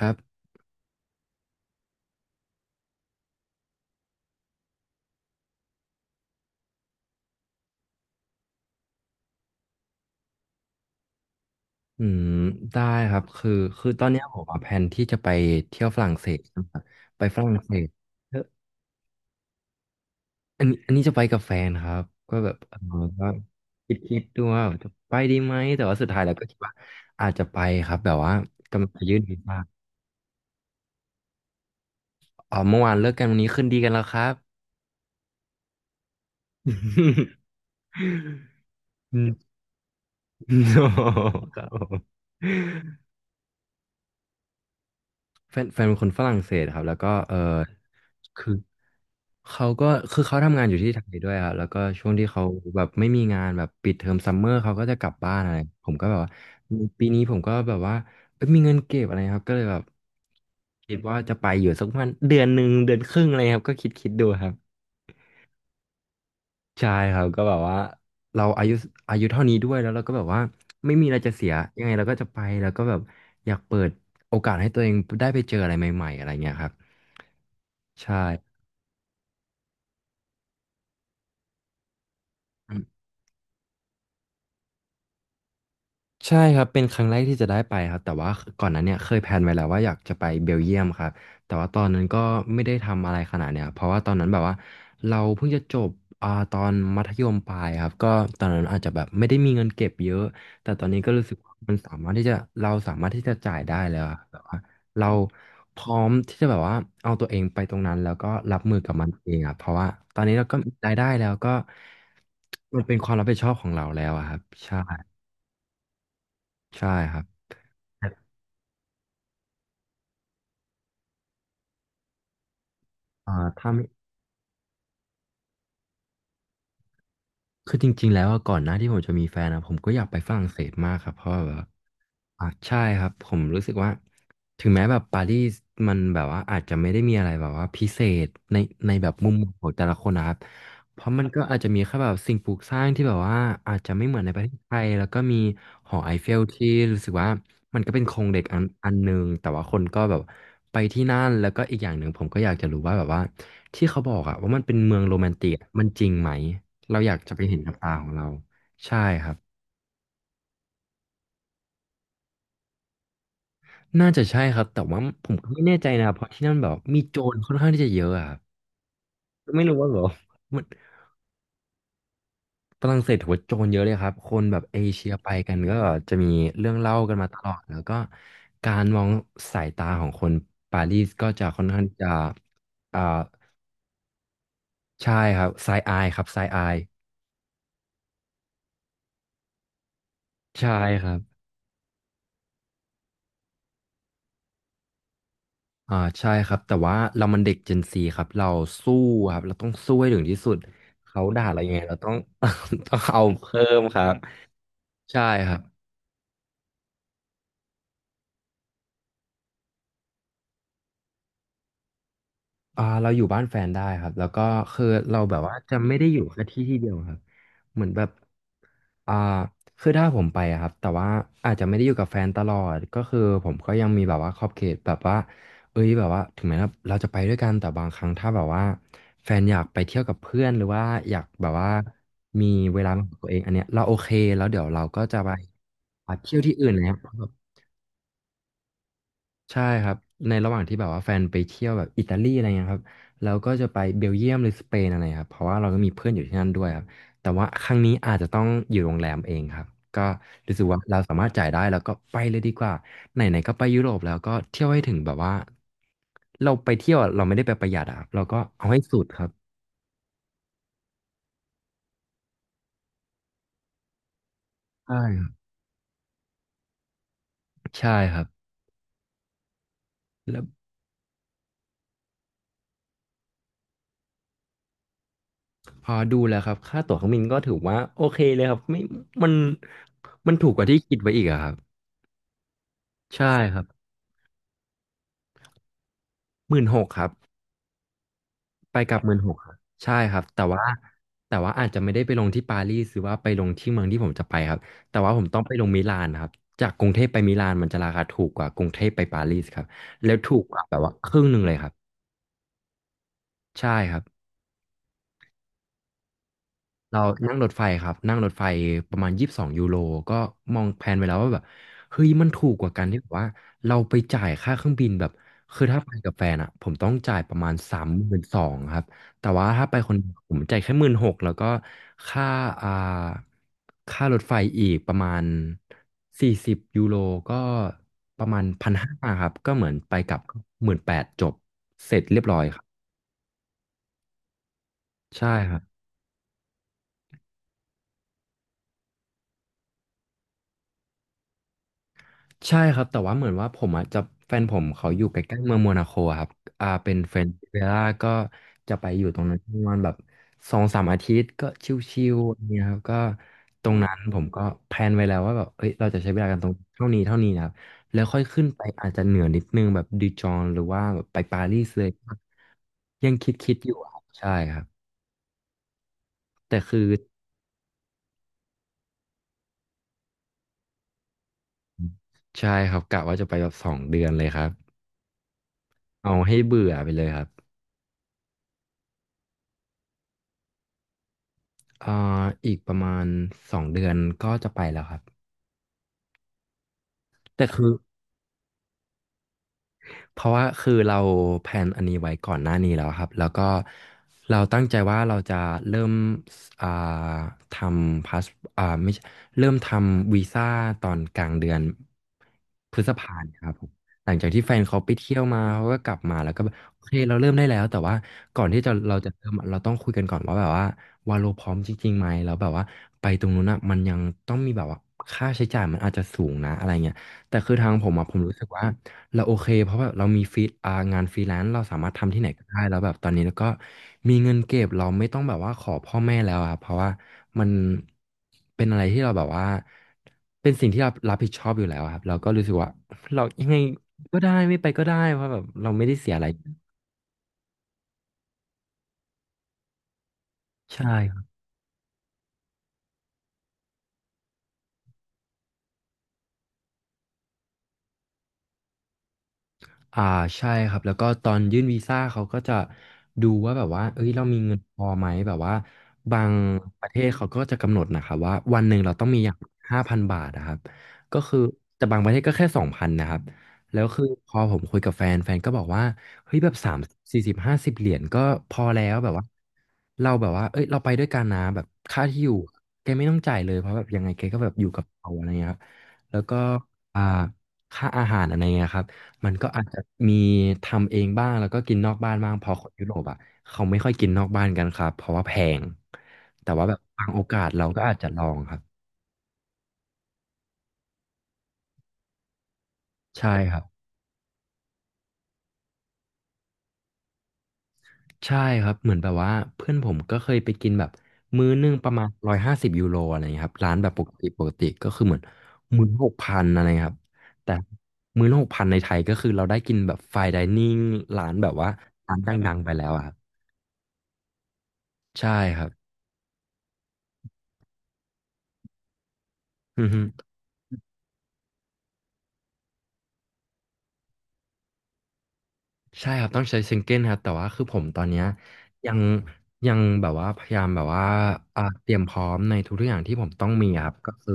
ครับอืมได้ครับคือตอนเนี้ยผมอะแผนที่จะไปเที่ยวฝรั่งเศสนะครับไปฝรั่งเศสเอออันนี้จะไปกับแฟนครับก็แบบเออก็คิดดูว่าจะไปดีไหมแต่ว่าสุดท้ายแล้วก็คิดว่าอาจจะไปครับแบบว่ากำลังจะยื่นวีซ่าอ๋อเมื่อวานเลิกกันวันนี้คืนดีกันแล้วครับ อืม โอ้ครับผม แฟนเป็นคนฝรั่งเศสครับแล้วก็เออคือเขาก็คือเขาทำงานอยู่ที่ไทยด้วยครับแล้วก็ช่วงที่เขาแบบไม่มีงานแบบปิดเทอมซัมเมอร์เขาก็จะกลับบ้านอะไรผมก็แบบว่าปีนี้ผมก็แบบว่าเอ้ยมีเงินเก็บอะไรครับก็เลยแบบคิดว่าจะไปอยู่สักประมาณเดือนหนึ่งเดือนครึ่งอะไรครับก็คิดดูครับใช่ครับก็แบบว่าเราอายุอายุเท่านี้ด้วยแล้วเราก็แบบว่าไม่มีอะไรจะเสียยังไงเราก็จะไปแล้วก็แบบอยากเปิดโอกาสให้ตัวเองได้ไปเจออะไรใหม่ๆอะไรเงี้ยครับ ใช่อืมใช่ครับเป็นครั้งแรกที่จะได้ไปครับแต่ว่าก่อนหนั้นเนี่ยเคยแพลนไว้แล้วว่าอยากจะไปเบลเยียมครับแต่ว่าตอนนั้นก็ไม่ได้ทำอะไรขนาดเนี่ยเพราะว่าตอนนั้นแบบว่าเราเพิ่งจะจบตอนมัธยมปลายครับก็ตอนนั้นอาจจะแบบไม่ได้มีเงินเก็บเยอะแต่ตอนนี้ก็รู้สึกว่ามันสามารถที่จะเราสามารถที่จะจ่ายได้แล้วอะแบบว่าเราพร้อมที่จะแบบว่าเอาตัวเองไปตรงนั้นแล้วก็รับมือกับมันเองอ่ะเพราะว่าตอนนี้เราก็มีรายได้แล้วก็มันเป็นความรับผิดชอบของเราแล้วอะครับใช่ ใช่ครับอ่าถ้าไม่ คือจริงๆแล้วอะก่อนหน้าที่ผมจะมีแฟนนะผมก็อยากไปฝรั่งเศสมากครับเพราะแบบว่าอ่ะใช่ครับผมรู้สึกว่าถึงแม้แบบปารีสมันแบบว่าอาจจะไม่ได้มีอะไรแบบว่าพิเศษในในแบบมุมมองของแต่ละคนนะครับเพราะมันก็อาจจะมีแค่แบบสิ่งปลูกสร้างที่แบบว่าอาจจะไม่เหมือนในประเทศไทยแล้วก็มีหอไอเฟลที่รู้สึกว่ามันก็เป็นโครงเหล็กอันหนึ่งแต่ว่าคนก็แบบไปที่นั่นแล้วก็อีกอย่างหนึ่งผมก็อยากจะรู้ว่าแบบว่าที่เขาบอกอะว่ามันเป็นเมืองโรแมนติกอะมันจริงไหม เราอยากจะไปเห็นกับตาของเราใช่ครับน่าจะใช่ครับแต่ว่าผมก็ไม่แน่ใจนะเพราะที่นั่นแบบมีโจรค่อนข้างที่จะเยอะอะครับไม่รู้ว่าแบบมันฝรั่งเศสถือว่าโจรเยอะเลยครับคนแบบเอเชียไปกันก็จะมีเรื่องเล่ากันมาตลอดแล้วก็การมองสายตาของคนปารีสก็จะค่อนข้างที่จะอ่าใช่ครับไซอายครับไซอายใช่ครับ อ่าใช่ครับแต่ว่าเรามันเด็ก Gen Z ครับเราสู้ครับเราต้องสู้ให้ถึงที่สุดเขาด่าเรายังไงเราต้อง ต้องเอาเพิ่มครับใช่ครับ เราอยู่บ้านแฟนได้ครับแล้วก็คือเราแบบว่าจะไม่ได้อยู่แค่ที่เดียวครับเหมือนแบบอ่าคือถ้าผมไปอะครับแต่ว่าอาจจะไม่ได้อยู่กับแฟนตลอดก็คือผมก็ยังมีแบบว่าขอบเขตแบบว่าเอ้ยแบบว่าถึงแม้เราจะไปด้วยกันแต่บางครั้งถ้าแบบว่าแฟนอยากไปเที่ยวกับเพื่อนหรือว่าอยากแบบว่ามีเวลาของตัวเองอันเนี้ยเราโอเคแล้วเดี๋ยวเราก็จะไปเที่ยวที่อื่นนะครับ ใช่ครับในระหว่างที่แบบว่าแฟนไปเที่ยวแบบอิตาลีอะไรเงี้ยครับเราก็จะไปเบลเยียมหรือสเปนอะไรครับเพราะว่าเราก็มีเพื่อนอยู่ที่นั่นด้วยครับแต่ว่าครั้งนี้อาจจะต้องอยู่โรงแรมเองครับก็รู้สึกว่าเราสามารถจ่ายได้แล้วก็ไปเลยดีกว่าไหนๆก็ไปยุโรปแล้วก็เที่ยวให้ถึงแบบว่าเราไปเที่ยวอะเราไม่ได้ไปประหยัดอะครับเราก็เอาให้สุดครับใช่ครับใช่ครับแล้วพอดูแล้วครับค่าตั๋วเครื่องบินก็ถือว่าโอเคเลยครับไม่มันมันถูกกว่าที่คิดไว้อีกอะครับใช่ครับ16,000ครับ ไปกลับ16,000ครับใช่ครับแต่ว่าอาจจะไม่ได้ไปลงที่ปารีสหรือว่าไปลงที่เมืองที่ผมจะไปครับแต่ว่าผมต้องไปลงมิลานครับจากกรุงเทพไปมิลานมันจะราคาถูกกว่ากรุงเทพไปปารีสครับแล้วถูกกว่าแบบว่าครึ่งหนึ่งเลยครับใช่ครับ เรานั่งรถไฟครับนั่งรถไฟประมาณ22 ยูโรก็มองแพลนไว้แล้วว่าแบบเฮ้ยมันถูกกว่ากันที่แบบว่าเราไปจ่ายค่าเครื่องบินแบบคือถ้าไปกับแฟนอ่ะผมต้องจ่ายประมาณ32,000ครับแต่ว่าถ้าไปคนเดียวผมจ่ายแค่หมื่นหกแล้วก็ค่าอ่าค่ารถไฟอีกประมาณ40 ยูโรก็ประมาณ1,500ครับก็เหมือนไปกลับ18,000จบเสร็จเรียบร้อยครับใช่ครับ ใช่ครับแต่ว่าเหมือนว่าผมอ่ะจะแฟนผมเขาอยู่ใกล้ๆเมืองโมนาโคอะครับเป็นเฟรนด์ริเวล่าก็จะไปอยู่ตรงนั้นประมาณแบบ2-3 อาทิตย์ก็ชิวๆอะไรเนี่ยครับก็ตรงนั้นผมก็แพลนไว้แล้วว่าแบบเอ้ยเราจะใช้เวลากันตรงเท่านี้เท่านี้นะครับแล้วค่อยขึ้นไปอาจจะเหนือนิดนึงแบบดิจองหรือว่าแบบไปปารีสเลยยังคิดๆอยู่ครับใช่ครับแต่คือใช่ครับกะว่าจะไปแบบสองเดือนเลยครับเอาให้เบื่อไปเลยครับ อ่าอีกประมาณสองเดือนก็จะไปแล้วครับแต่คือ เพราะว่าคือเราแพลนอันนี้ไว้ก่อนหน้านี้แล้วครับแล้วก็เราตั้งใจว่าเราจะเริ่มอ่าทำพาสอ่าไม่ใช่เริ่มทำวีซ่าตอนกลางเดือนพฤษภาเนี่ยครับผมหลังจากที่แฟนเขาไปเที่ยวมาเขาก็กลับมาแล้วก็แบบโอเคเราเริ่มได้แล้วแต่ว่าก่อนที่จะเราจะเริ่มอะเราต้องคุยกันก่อนว่าแบบว่าวาโลพร้อมจริงๆไหมแล้วแบบว่าไปตรงนู้นอ่ะมันยังต้องมีแบบว่าค่าใช้จ่ายมันอาจจะสูงนะอะไรเงี้ยแต่คือทางผมอ่ะผมรู้สึกว่า เราโอเคเพราะแบบเรามีฟรีอ่างานฟรีแลนซ์เราสามารถทำที่ไหนก็ได้แล้วแบบตอนนี้แล้วก็มีเงินเก็บเราไม่ต้องแบบว่าขอพ่อแม่แล้วอะเพราะว่ามันเป็นอะไรที่เราแบบว่าเป็นสิ่งที่เรารับผิดชอบอยู่แล้วอะครับเราก็รู้สึกว่าเรายังไงก็ได้ไม่ไปก็ได้เพราะแบบเราไม่ได้เสียอะไรใช่ อ่าใช่ครับแล้วก็ตอนยื่นวีซ่าเขาก็จะดูว่าแบบว่าเอ้ยเรามีเงินพอไหมแบบว่าบางประเทศเขาก็จะกำหนดนะครับว่าวันหนึ่งเราต้องมีอย่าง5,000 บาทนะครับก็คือแต่บางประเทศก็แค่2,000นะครับแล้วคือพอผมคุยกับแฟนแฟนก็บอกว่าเฮ้ยแบบ30-40-50 เหรียญก็พอแล้วแบบว่าเราแบบว่าเอ้ยเราไปด้วยกันนะแบบค่าที่อยู่แกไม่ต้องจ่ายเลยเพราะแบบยังไงแกก็แบบอยู่กับเราอะไรเงี้ยครับแล้วก็อ่าค่าอาหารอะไรเงี้ยครับ มันก็อาจจะมีทำเองบ้างแล้วก็กินนอกบ้านบ้างเพอคนยุโรปอ่ะเขาไม่ค่อยกินนอกบ้านกันครับเพราะว่าแพงแต่ว่าแบบบางโอกาสเราก็อาจจะลองครับใช่ครับใช่ครับเหมือนแบบว่าเพื่อนผมก็เคยไปกินแบบมื้อนึงประมาณ150 ยูโรอะไรเงี้ยครับร้านแบบปกติปกติก็คือเหมือนมื้อหกพันอะไรเงี้ยครับแต่มื้อหกพันในไทยก็คือเราได้กินแบบไฟน์ไดนิ่งร้านแบบว่าร้านดังๆไปแล้วอะครับใช่ครับอือฮึ ใช่ครับต้องใช้ซิงเกิลครับแต่ว่าคือผมตอนเนี้ยยังยังแบบว่าพยายามแบบว่าเตรียมพร้อมในทุกๆอย่างที่ผมต้องมีครับก็คือ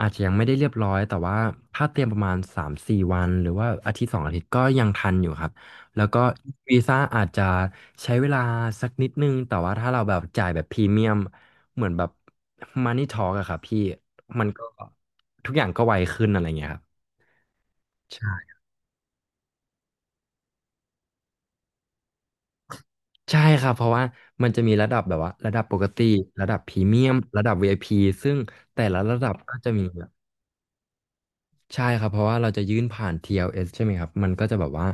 อาจจะยังไม่ได้เรียบร้อยแต่ว่าถ้าเตรียมประมาณ3-4 วันหรือว่าอาทิตย์2 อาทิตย์ก็ยังทันอยู่ครับแล้วก็วีซ่าอาจจะใช้เวลาสักนิดนึงแต่ว่าถ้าเราแบบจ่ายแบบพรีเมียมเหมือนแบบมันนี่ทอ k อะครับพี่มันก็ทุกอย่างก็ไวขึ้นอะไรเงี้ยครับ ใช่ครับเพราะว่ามันจะมีระดับแบบว่าระดับปกติระดับพรีเมียมระดับ VIP ซึ่งแต่ละระดับก็จะมีแบบใช่ครับเพราะว่าเราจะยื่นผ่าน TLS ใช่ไหมครับมันก็จะแบบว่า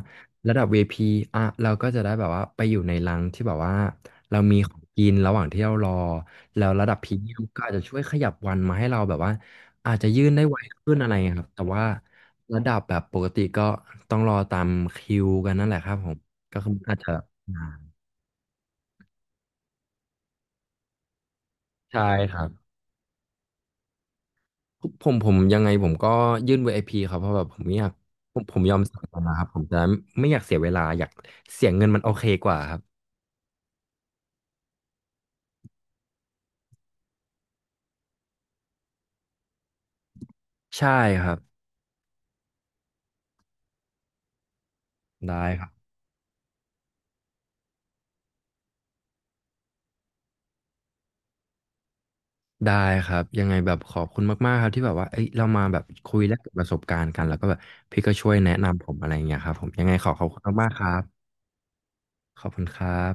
ระดับ v ี p อพีอ่ะเราก็จะได้แบบว่าไปอยู่ในรังที่แบบว่าเรามีของกินระหว่างที่เรารอแล้วระดับพรีเมียมก็อาจจะช่วยขยับวันมาให้เราแบบว่าอาจจะยื่นได้ไวขึ้นอะไรอย่างเงี้ยครับแต่ว่าระดับแบบปกติก็ต้องรอตามคิวกันนั่นแหละครับผมก็คืออาจจะนานใช่ครับ ผมยังไงผมก็ยื่น VIP ครับเพราะแบบผมไม่อยากผมยอมเสียเวลาครับผมจะไม่อยากเสียเวลาอยากเสียเงินมันโอเคกว่าครับใช่ครับได้ครับได้ครับยังไงแบบขอบคุณมากๆครับที่แบบว่าเอ้ยเรามาแบบคุยแลกเปลี่ยนประสบการณ์กันแล้วก็แบบพี่ก็ช่วยแนะนำผมอะไรอย่างเงี้ยครับผมยังไงขอขอบคุณมากๆครับขอบคุณครับ